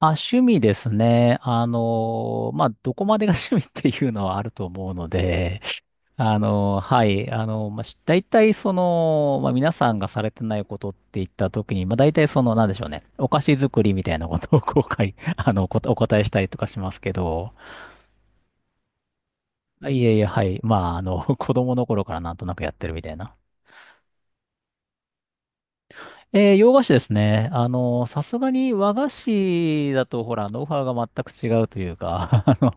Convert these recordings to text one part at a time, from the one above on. あ、趣味ですね。どこまでが 趣味っていうのはあると思うので、大体その、まあ、皆さんがされてないことって言ったときに、まあ、大体その、なんでしょうね、お菓子作りみたいなことをお答えしたりとかしますけど、あいえいえ、はい、子供の頃からなんとなくやってるみたいな。えー洋菓子ですね。あの、さすがに和菓子だと、ほら、ノウハウが全く違うというか、あの、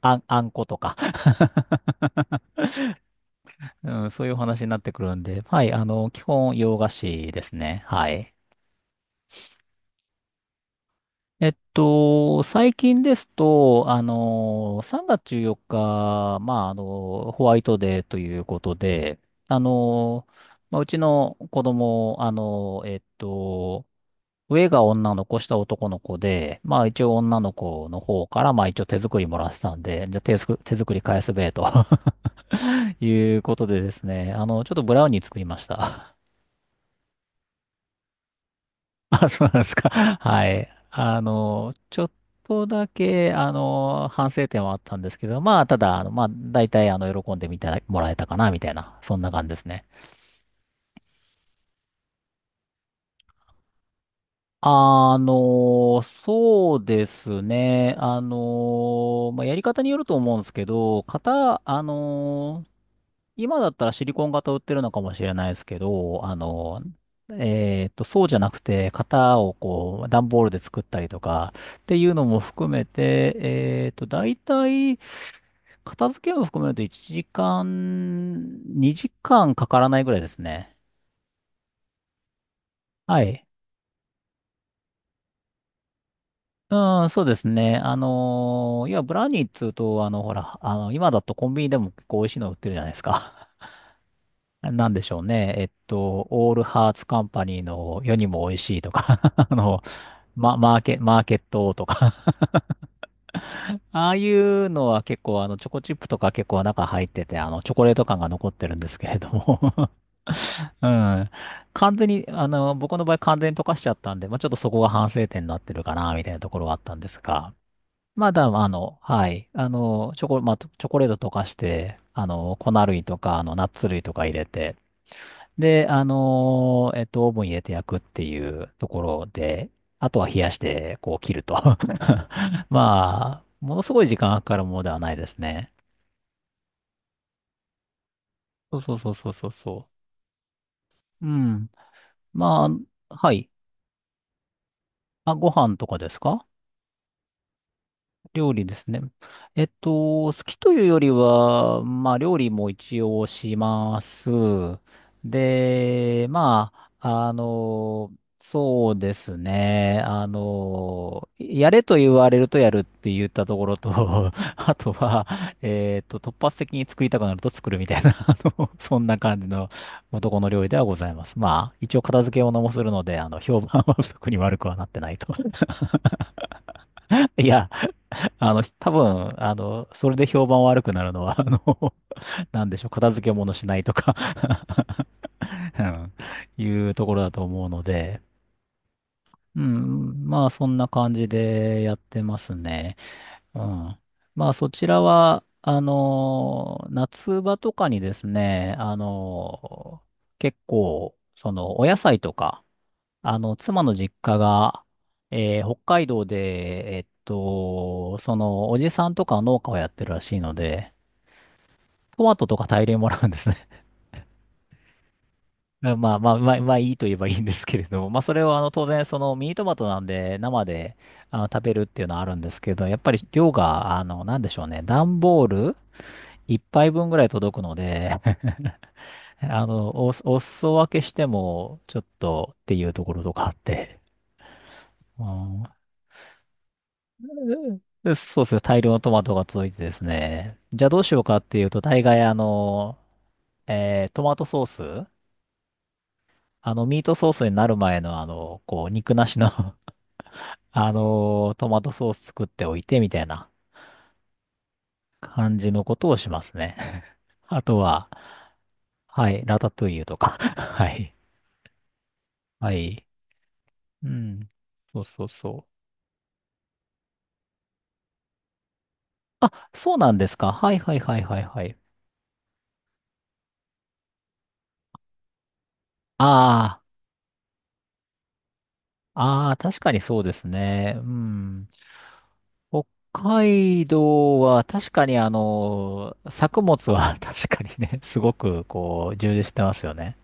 あん、あんことか うん、そういうお話になってくるんで、はい、あの、基本洋菓子ですね。はい。最近ですと、あの、3月14日、ホワイトデーということで、あの、うちの子供、上が女の子、下男の子で、まあ一応女の子の方から、まあ一応手作りもらってたんで、じゃあ手作り返すべえと いうことでですね、あの、ちょっとブラウニー作りました。あ、そうなんですか。はい。ちょっとだけ、あの、反省点はあったんですけど、まあ、ただ、あの、まあ、大体、あの、喜んでみてもらえたかな、みたいな、そんな感じですね。そうですね。やり方によると思うんですけど、型、あの、今だったらシリコン型売ってるのかもしれないですけど、そうじゃなくて、型をこう、段ボールで作ったりとか、っていうのも含めて、大体、片付けも含めると1時間、2時間かからないぐらいですね。はい。うん、そうですね。ブラウニーっつうと、今だとコンビニでも結構美味しいの売ってるじゃないですか。なんでしょうね。オールハーツカンパニーの世にも美味しいとか マーケットとか ああいうのは結構あのチョコチップとか結構中入っててあのチョコレート感が残ってるんですけれども うん。完全にあの僕の場合完全に溶かしちゃったんで、まあ、ちょっとそこが反省点になってるかなみたいなところはあったんですが、まだあの、はい。チョコレート溶かして、あの、粉類とか、あの、ナッツ類とか入れて、で、オーブン入れて焼くっていうところで、あとは冷やして、こう切ると。まあ、ものすごい時間がかかるものではないですね。そうそうそうそうそうそう。うん。まあ、はい。あ、ご飯とかですか。料理ですね。えっと、好きというよりは、まあ、料理も一応します。で、あ、あの、そうですね。あの、やれと言われるとやるって言ったところと、あとは、突発的に作りたくなると作るみたいな、あの、そんな感じの男の料理ではございます。まあ、一応片付け物もするので、あの、評判は特に悪くはなってないと。いや、多分、あの、それで評判悪くなるのは、あの、なんでしょう、片付け物しないとか うん、いうところだと思うので、うん、まあ、そんな感じでやってますね。うん。まあ、そちらは、あの、夏場とかにですね、あの、結構、その、お野菜とか、あの、妻の実家が、えー北海道で、おじさんとか農家をやってるらしいので、トマトとか大量にもらうんですね。まあまあ、まあ、まあいいと言えばいいんですけれども、まあそれはあの当然そのミニトマトなんで生であの食べるっていうのはあるんですけど、やっぱり量が、あの、なんでしょうね、段ボール一杯分ぐらい届くので、お裾分けしてもちょっとっていうところとかあって、うん、でそうですね。大量のトマトが届いてですね。じゃあどうしようかっていうと、大概あの、えートマトソースあの、ミートソースになる前のあの、こう、肉なしの あの、トマトソース作っておいてみたいな感じのことをしますね。あとは、はい、ラタトゥイユとか。はい。はい。うん。そうそうそう。あ、そうなんですか。はいはいはいはいはい。ああ、ああ、確かにそうですね。うん。北海道は確かにあの、作物は 確かにね、すごくこう、充実してますよね。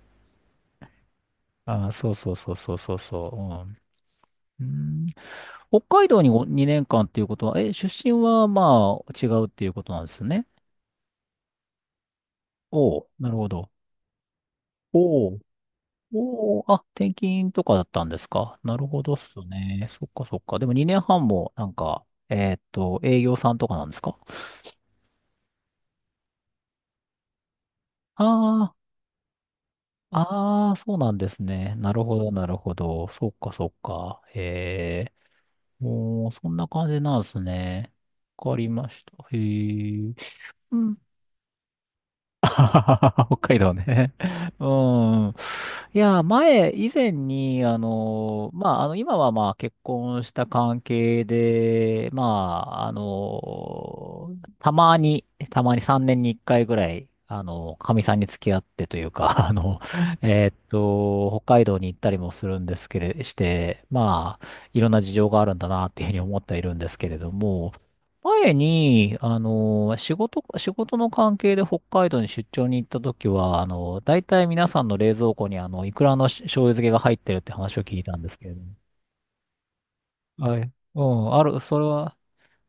あー、そうそうそうそうそうそう。うん。うん、北海道に2年間っていうことは、え、出身はまあ違うっていうことなんですよね。おお、なるほど。おお、おお、あ、転勤とかだったんですか。なるほどっすね。そっかそっか。でも2年半もなんか、営業さんとかなんですか。ああ、あそうなんですね。なるほど、なるほど。そっか、そっか。へえ。もう、そんな感じなんですね。わかりました。へえ。あははは、北海道ね。うん。いや、前、以前に、今はまあ、結婚した関係で、たまに、たまに3年に1回ぐらい、あの、かみさんに付き合ってというか、北海道に行ったりもするんですけれ、して、まあ、いろんな事情があるんだなっていうふうに思ってはいるんですけれども、前に、仕事の関係で北海道に出張に行った時は、あの、大体皆さんの冷蔵庫に、いくらの醤油漬けが入ってるって話を聞いたんですけれども。はい。うん、ある、それは、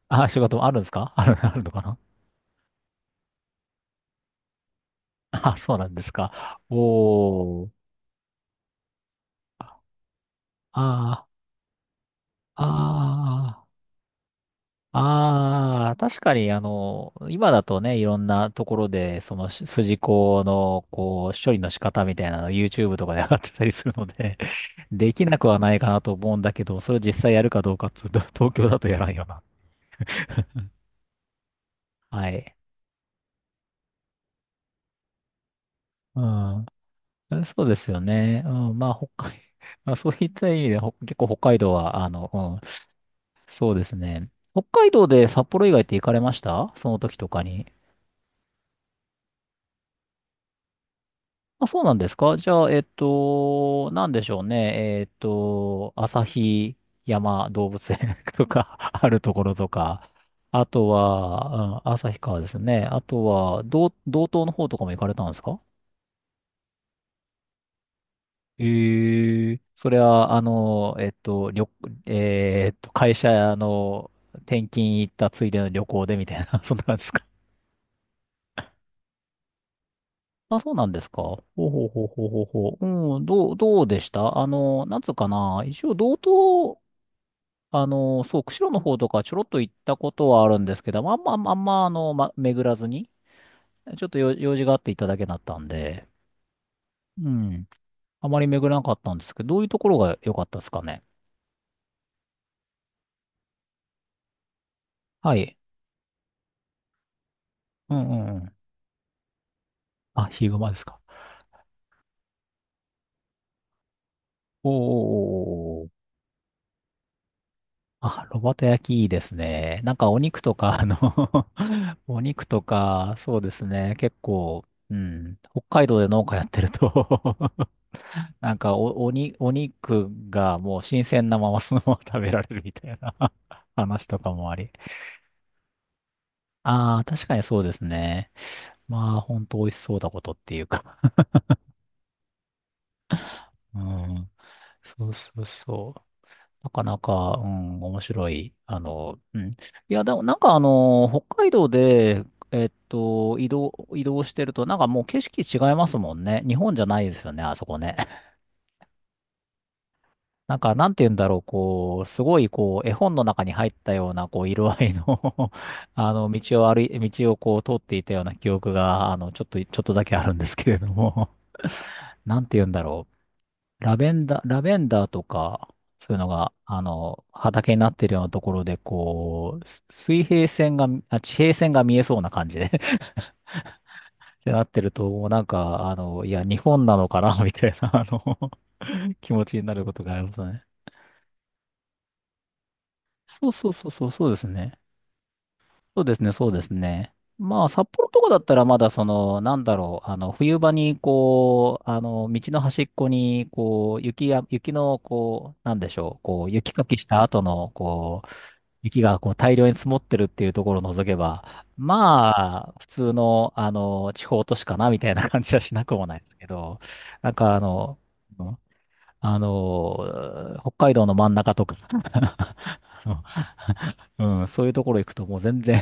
あ、仕事もあるんですか。 ある、あるのかな。 あ、そうなんですか。おー。ああ、ああ。ああ、確かに、あの、今だとね、いろんなところで、その筋子の、こう、処理の仕方みたいなの YouTube とかで上がってたりするので、できなくはないかなと思うんだけど、それを実際やるかどうかっつうと、東京だとやらんよな。はい。うん。そうですよね。うん。まあ、そういった意味で、結構北海道は、あの、うん、そうですね。北海道で札幌以外って行かれましたその時とかに。あ、そうなんですか。じゃあ、えっと、なんでしょうね。えっと、旭山動物園 とかあるところとか、あとは、うん、旭川ですね。あとは、道東の方とかも行かれたんですか。ええそれは、あの、えっと、旅、えーっと、会社の転勤行ったついでの旅行でみたいな、そんな感じですか。あ、そうなんですか。ほうほうほうほうほうほう。うん、どうでしたあの、なんつうかな。一応、道あの、そう、釧路の方とかちょろっと行ったことはあるんですけど、まああんまま、巡らずに、ちょっと用事があって行っただけだったんで、うん。あまり巡らなかったんですけど、どういうところが良かったですかね。はい。うんうんうん。あ、ヒグマですか。おーおーおーおー。あ、炉端焼きいいですね。なんかお肉とか、お肉とか、そうですね。結構、うん。北海道で農家やってると なんかお肉がもう新鮮なままそのまま食べられるみたいな 話とかもあり。ああ、確かにそうですね。まあ、ほんと美味しそうだことっていうか。うん。そうそうそう。なかなか、うん、面白い。あの、うん。いや、でもなんかあの、北海道で、移動してると、なんかもう景色違いますもんね。日本じゃないですよね、あそこね。なんか、なんて言うんだろう、こう、すごい、こう、絵本の中に入ったような、こう、色合いの あの、道をこう、通っていたような記憶が、あの、ちょっとだけあるんですけれども なんて言うんだろう。ラベンダーとか、そういうのが、あの、畑になってるようなところで、こう、す水平線が、あ、地平線が見えそうな感じで ってなってると、なんか、あの、いや、日本なのかな、みたいな、あの 気持ちになることがありますね。そうそうそうそう、そうですね。そうですね、そうですね。まあ、札幌とかだったらまだその、なんだろう、あの、冬場にこう、あの、道の端っこに、こう、雪の、こう、なんでしょう、こう、雪かきした後の、こう、雪がこう大量に積もってるっていうところを除けば、まあ、普通の、あの、地方都市かな、みたいな感じはしなくもないですけど、なんかあの、うん北海道の真ん中とか うん、そういうところ行くともう全然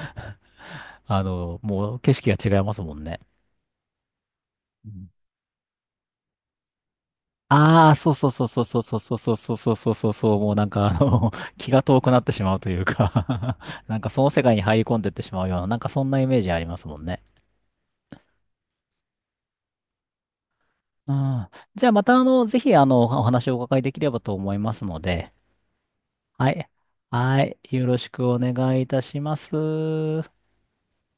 あの、もう景色が違いますもんね。ああー、そうそうそうそうそうそうそうそうそうそうそうそう、もうなんかあの、気が遠くなってしまうというか なんかその世界に入り込んでってしまうような、なんかそんなイメージありますもんね。うん。じゃあまたあの、ぜひあの、お話をお伺いできればと思いますので、はい。はい。よろしくお願いいたします。